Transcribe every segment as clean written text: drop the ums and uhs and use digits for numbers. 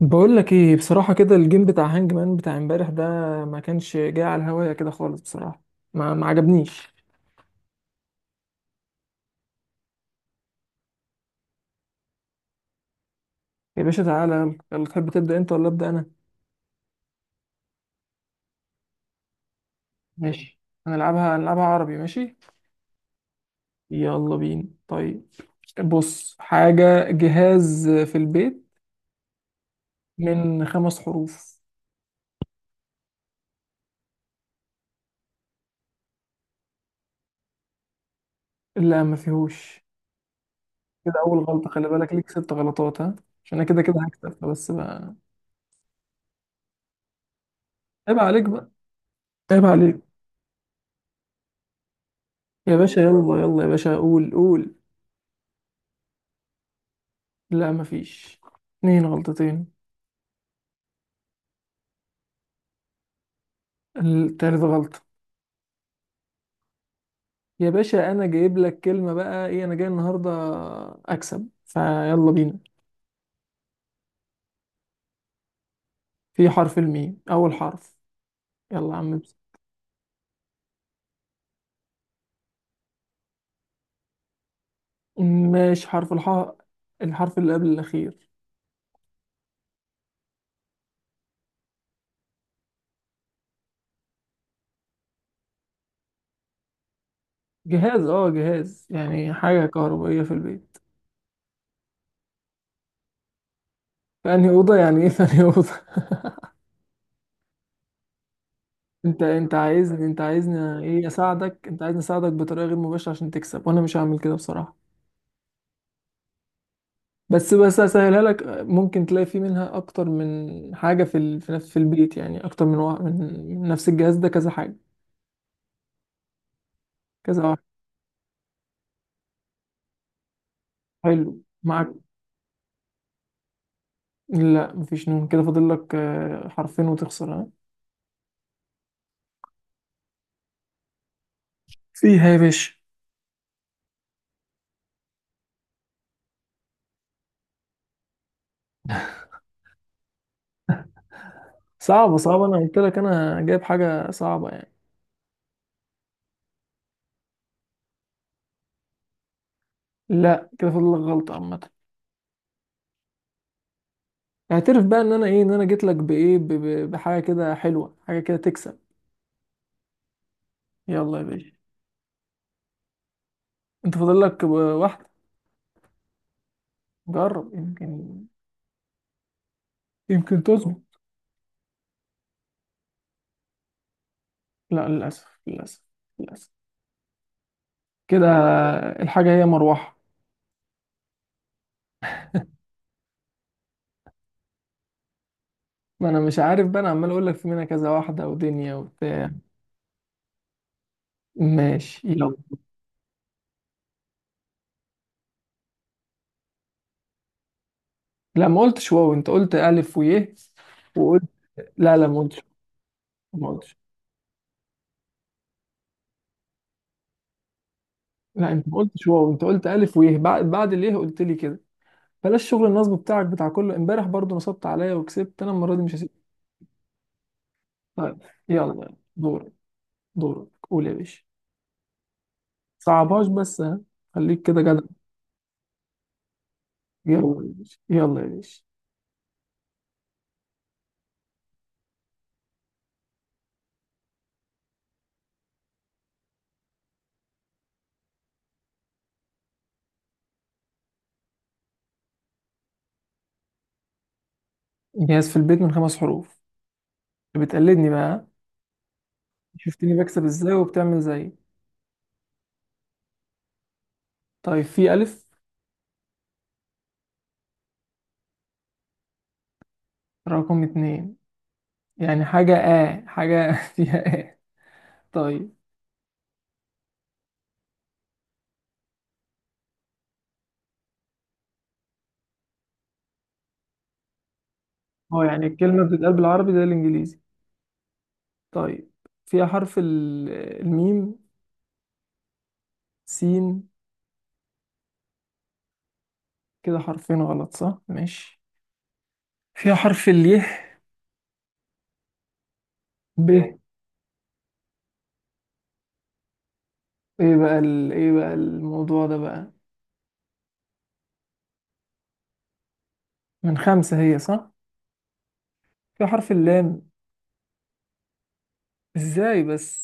بقول لك ايه بصراحة كده. الجيم بتاع هانج مان بتاع امبارح ده ما كانش جاي على الهواية كده خالص بصراحة. ما عجبنيش. يا باشا تعالى، يلا يلا، تحب تبدأ انت ولا أبدأ انا؟ ماشي. هنلعبها هنلعبها عربي. ماشي. يلا بينا. طيب بص، حاجة، جهاز في البيت من خمس حروف. لا ما فيهوش. كده اول غلطة، خلي بالك ليك ست غلطات، ها. عشان انا كده كده هكسب بس بقى. عيب عليك بقى. عيب عليك. يا باشا يلا يلا يا باشا، قول قول. لا مفيش. اتنين غلطتين. التالت غلطة. يا باشا انا جايب لك كلمة بقى، ايه انا جاي النهاردة اكسب فيلا بينا. في حرف الميم، اول حرف. يلا يا عم بس. ماشي، حرف الحاء، الحرف اللي قبل الاخير. جهاز يعني حاجة كهربائية في البيت. فأنهي أوضة؟ يعني ايه فأنهي أوضة انت عايزني، انت عايزني ايه، اساعدك، انت عايزني اساعدك بطريقة غير مباشرة عشان تكسب، وانا مش هعمل كده بصراحة. بس بس اسهلها لك، ممكن تلاقي فيه منها اكتر من حاجه في في نفس، في البيت يعني، اكتر من نفس الجهاز ده كذا حاجه. كذا واحد. حلو معاك. لا مفيش نون، كده فاضل لك حرفين وتخسر، ها. فيها يا باشا. صعبه صعبه، انا قلت لك انا جايب حاجه صعبه يعني. لا كده فاضل لك غلطه عامه. اعترف بقى ان انا ايه، ان انا جيت لك بحاجه كده حلوه، حاجه كده تكسب. يلا يا باشا. انت فاضل لك واحده، جرب يمكن. يمكن تظبط. لا للأسف للأسف للأسف. كده الحاجة هي مروحة. ما أنا مش عارف بقى، أنا عمال أقول لك في منها كذا واحدة ودنيا وبتاع. ماشي يلا. لا ما قلتش واو، أنت قلت ألف ويه وقلت. لا لا، ما قلتش. ما قلتش. لا، أنت ما قلتش واو، أنت قلت ألف ويه بعد اليه قلت لي كده. بلاش شغل النصب بتاعك، بتاع كله امبارح برضو نصبت عليا وكسبت، أنا المرة دي مش هسيب. طيب. يلا دورك. دورك، قول يا باشا. صعبهاش بس ها. خليك كده جدع. يلا يا باشا يلا يا باشا. جهاز في البيت من خمس حروف. بتقلدني بقى ها؟ شفتني بكسب ازاي وبتعمل زي. طيب. في ألف. رقم اتنين. يعني حاجة، حاجة فيها. طيب. اه، يعني الكلمة بتتقال بالعربي زي الإنجليزي. طيب. فيها حرف الميم. سين. كده حرفين غلط، صح، ماشي. فيها حرف اليه. ب. ايه بقى ايه بقى الموضوع ده بقى. من خمسة هي، صح. فيها حرف اللام. ازاي بس.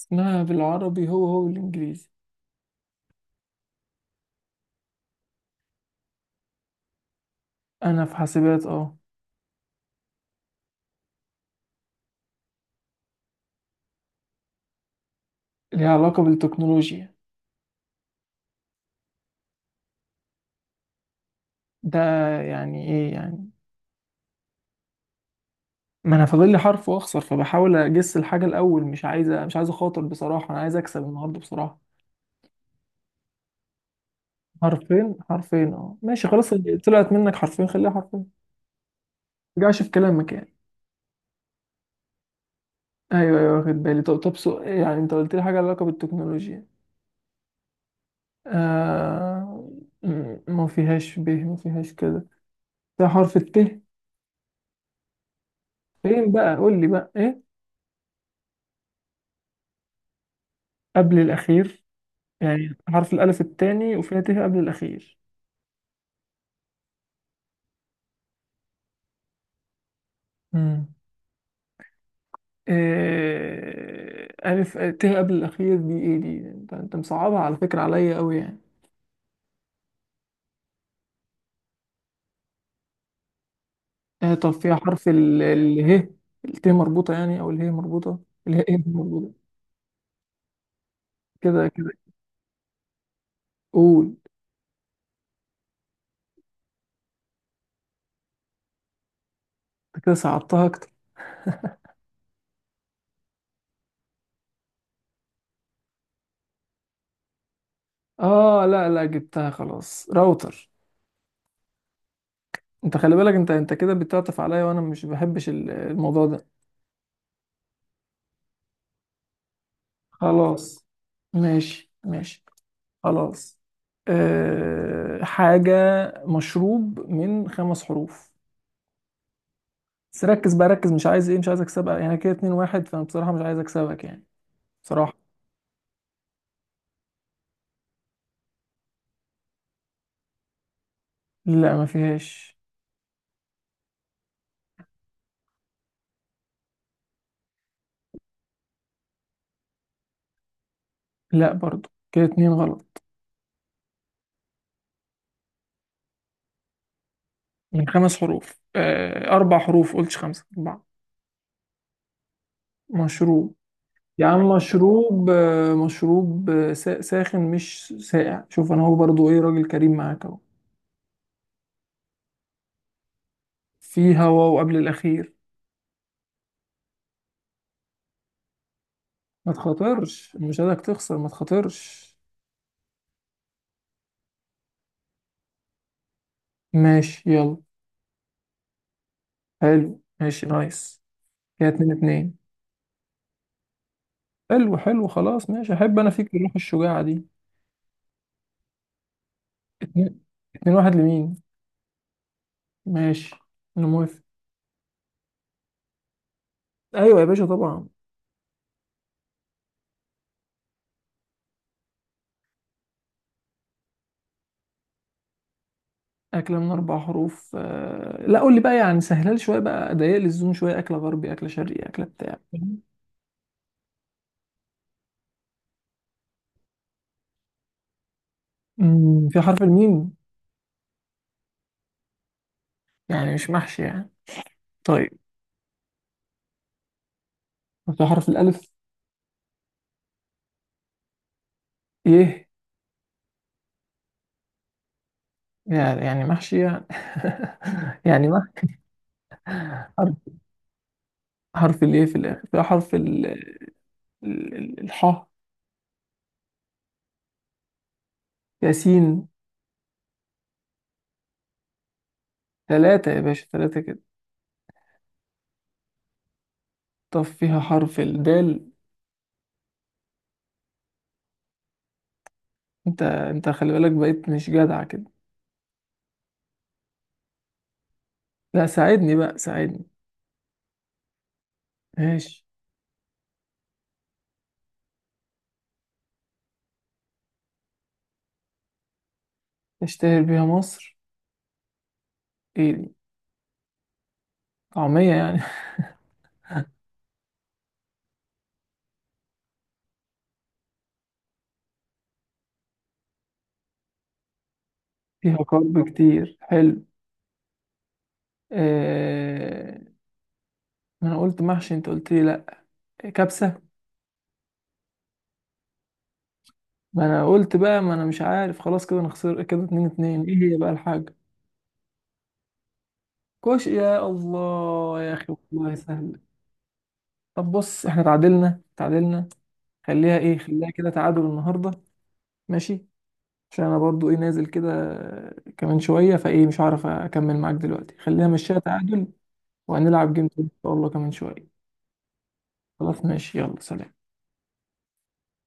اسمها بالعربي، هو هو بالإنجليزي. انا في حاسبات، اه. ليها علاقة بالتكنولوجيا. ده يعني ايه يعني. ما انا فاضل لي حرف واخسر، فبحاول اجس الحاجة الاول، مش عايز اخاطر بصراحة، انا عايز اكسب النهاردة بصراحة. حرفين حرفين، اه ماشي خلاص، اللي طلعت منك حرفين خليها حرفين. رجعش في كلامك يعني. ايوه ايوه واخد بالي، طب طب، يعني انت قلت لي حاجة علاقة بالتكنولوجيا. آه... ما فيهاش ب، ما فيهاش، كده ده حرف الت. فين بقى، قول لي بقى ايه قبل الاخير. يعني حرف الألف الثاني، وفيها ت قبل الأخير. مم. ألف، ت قبل الأخير، دي إيه دي؟ أنت مصعبها على فكرة عليا أوي يعني. طب فيها حرف ال ه، الت مربوطة يعني أو اله مربوطة. اله إيه مربوطة. كده كده. قول. أنت كده صعبتها أكتر. آه لا لا، جبتها خلاص، راوتر. أنت خلي بالك، أنت كده بتعطف عليا، وأنا مش بحبش الموضوع ده. خلاص ماشي ماشي. خلاص حاجة، مشروب من خمس حروف. بس ركز بقى ركز، مش عايز اكسبها، يعني كده 2-1، فانا بصراحة مش عايز اكسبك يعني. بصراحة. لا ما فيهاش. لا برضو، كده اتنين غلط. من خمس حروف، أه اربع حروف، قلتش خمسة، اربعة. مشروب. يا عم مشروب، مشروب، ساخن مش ساقع، شوف انا هو برضو ايه، راجل كريم معاك اهو. في هوا وقبل الاخير. ما تخاطرش، مش عايزك تخسر، ما تخاطرش. ماشي يلا. حلو ماشي، نايس. كده اتنين اتنين. حلو حلو خلاص ماشي، احب انا فيك الروح الشجاعة دي. اتنين. 2-1 لمين؟ ماشي انا موافق. ايوه يا باشا طبعا. اكلة من اربع حروف. لا قول لي بقى، يعني سهلها لي شوية بقى، ضيق لي الزون شوية، اكلة غربي، اكلة شرقي، اكلة بتاع. في حرف الميم. يعني مش محشي يعني. طيب. في حرف الالف. ايه. يعني محشي يعني. يعني محشي. حرف، حرف الايه في الاخر، في حرف الحاء. ياسين. ثلاثة يا باشا ثلاثة كده. طب فيها حرف الدال. انت خلي بالك بقيت مش جدع كده. لا ساعدني بقى ساعدني. ماشي. تشتهر بيها مصر. ايه دي؟ طعمية يعني. فيها كارب كتير، حلو. آه... ما انا قلت محشي، انت قلت لي لا. كبسة. ما انا قلت بقى، ما انا مش عارف، خلاص كده انا خسر، كده 2-2. ايه هي بقى الحاجة؟ كوش، يا الله يا اخي. والله سهل. طب بص، احنا تعادلنا تعادلنا. خليها خليها كده تعادل النهارده. ماشي. عشان انا برضو نازل كده كمان شوية، فايه مش هعرف اكمل معاك دلوقتي، خلينا مشيها تعادل. وهنلعب جيم تاني ان شاء الله كمان شوية. خلاص ماشي، يلا سلام.